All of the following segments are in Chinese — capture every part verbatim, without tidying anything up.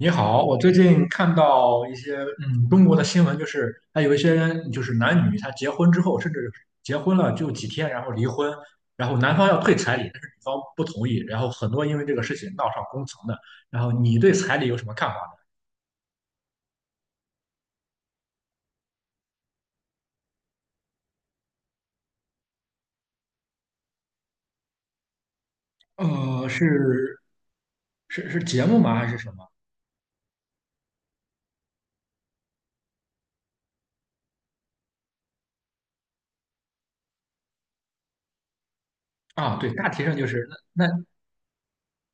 你好，我最近看到一些嗯中国的新闻，就是他有一些人就是男女他结婚之后，甚至结婚了就几天，然后离婚，然后男方要退彩礼，但是女方不同意，然后很多因为这个事情闹上公堂的。然后你对彩礼有什么看法呢？呃，是是是节目吗？还是什么？啊，对，大体上就是那那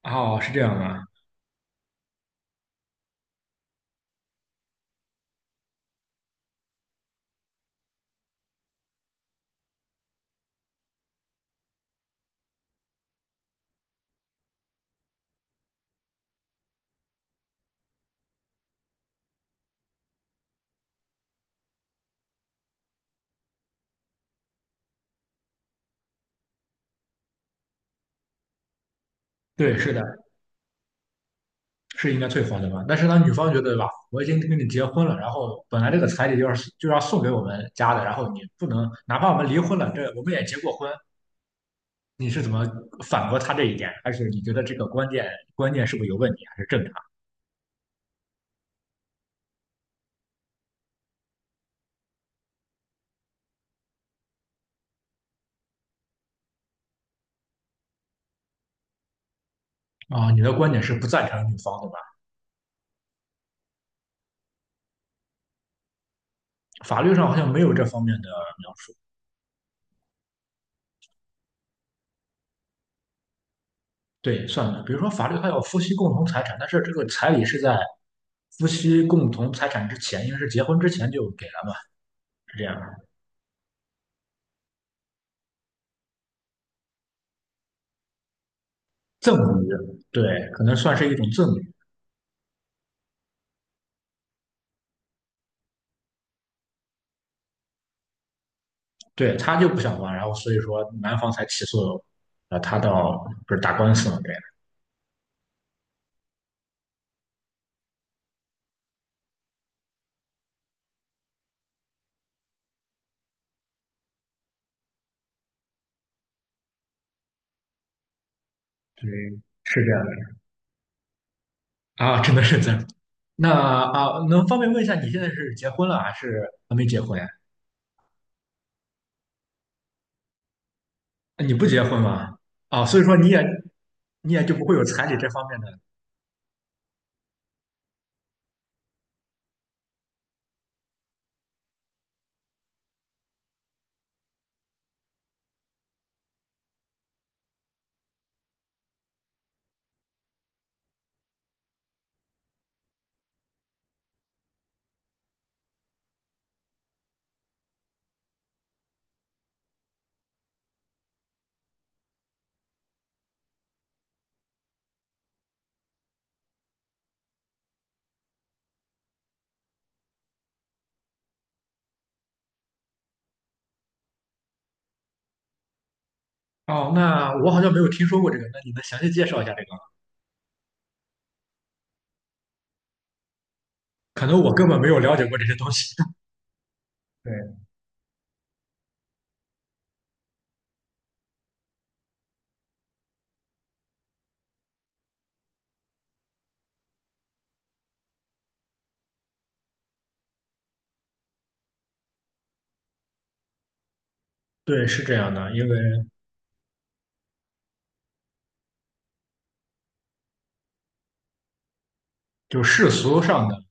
哦是这样的，对，是的。是应该退还的吧？但是当女方觉得吧，我已经跟你结婚了，然后本来这个彩礼就是就要送给我们家的，然后你不能，哪怕我们离婚了，这我们也结过婚，你是怎么反驳他这一点？还是你觉得这个观念观念是不是有问题，还是正常啊？你的观点是不赞成女方的吧？法律上好像没有这方面的描述。对，算了，比如说法律还有夫妻共同财产，但是这个彩礼是在夫妻共同财产之前，因为是结婚之前就给了嘛，是这样的赠与，对，可能算是一种赠与。对，他就不想还，然后所以说男方才起诉，呃，他到不是打官司嘛？对，对，是这样的啊，真的是这样。那啊，能方便问一下，你现在是结婚了还是还没结婚呀？呃你不结婚吗？啊，所以说你也你也就不会有彩礼这方面的。哦，那我好像没有听说过这个，那你能详细介绍一下这个吗？可能我根本没有了解过这些东西。对对，是这样的，因为就世俗上的。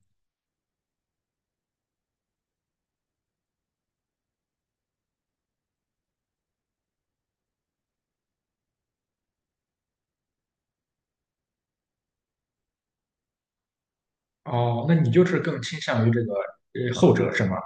哦，那你就是更倾向于这个呃后者是吗？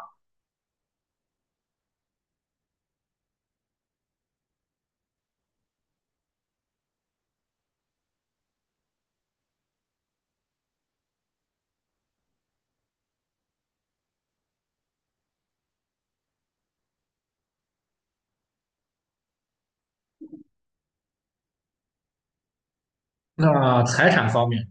那财产方面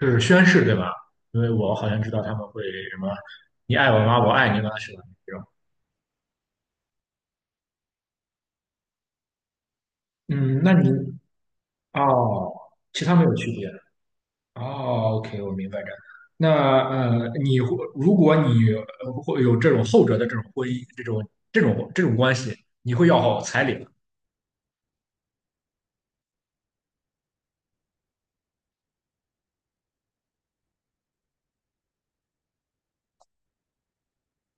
是宣誓对吧？因为我好像知道他们会什么“你爱我吗？我爱你吗”是吧？这种。嗯，那你哦，其他没有区别。哦，OK，我明白这。那呃，你会如果你呃会有这种后者的这种婚姻，这种这种这种关系，你会要好彩礼吗？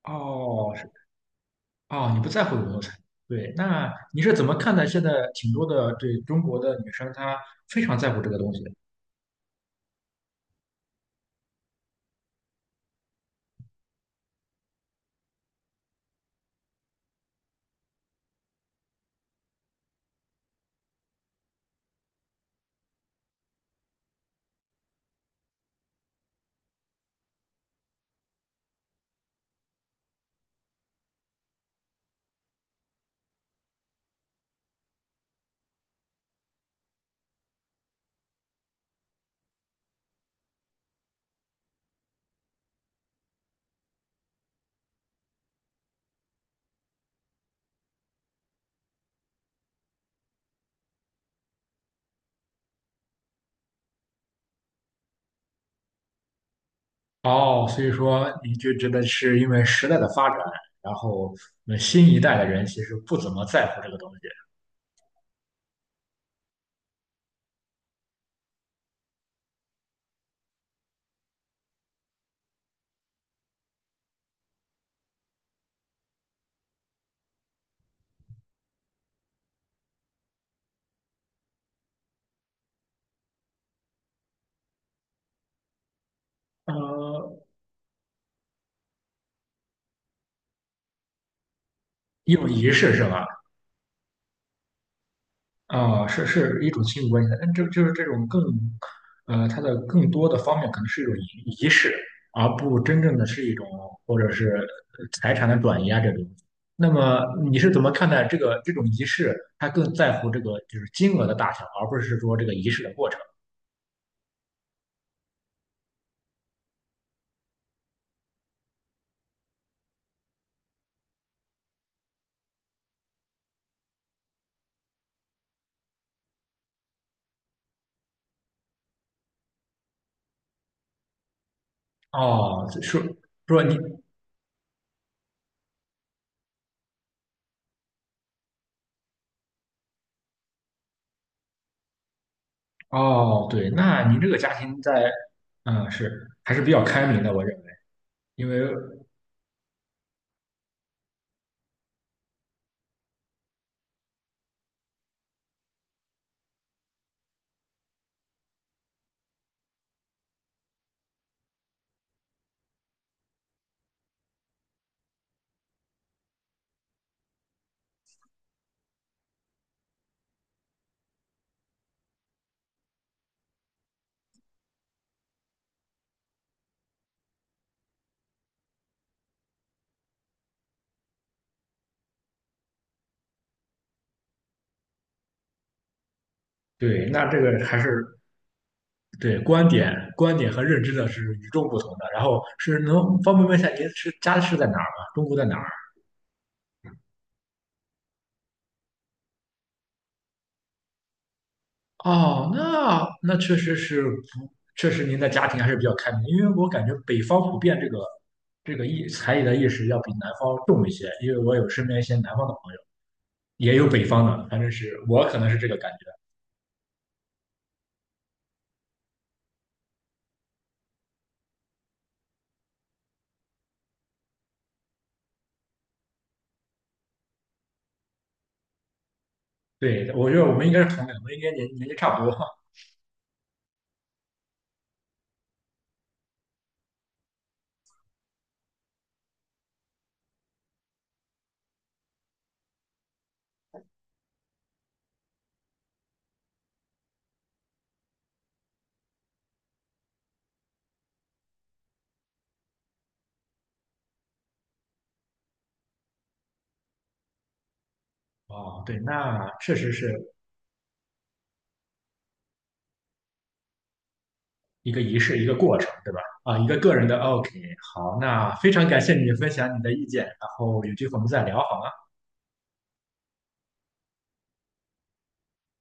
哦，是哦，你不在乎有没有彩礼？对，那你是怎么看待现在挺多的对中国的女生，她非常在乎这个东西？哦，所以说你就觉得是因为时代的发展，然后那新一代的人其实不怎么在乎这个东西，呃，一种仪式是吧？啊、是是一种亲密关系的，但这就是这种更，呃，它的更多的方面可能是一种仪仪式，而不真正的是一种或者是呃财产的转移啊这种。那么你是怎么看待这个这种仪式？它更在乎这个就是金额的大小，而不是说这个仪式的过程。哦，是说你。哦，对，那您这个家庭在，嗯，是还是比较开明的，我认为，因为对，那这个还是对观点、观点和认知的是与众不同的。然后是能方便问一下您是家是在哪儿吗？中国在哪儿？哦，那那确实是不，确实您的家庭还是比较开明，因为我感觉北方普遍这个这个意才艺的意识要比南方重一些，因为我有身边一些南方的朋友，也有北方的，反正是我可能是这个感觉。对，我觉得我们应该是同龄，我们应该年年纪差不多。哦，对，那确实是一个仪式，一个过程，对吧？啊，一个个人的 OK。好，那非常感谢你分享你的意见，然后有机会我们再聊好吗？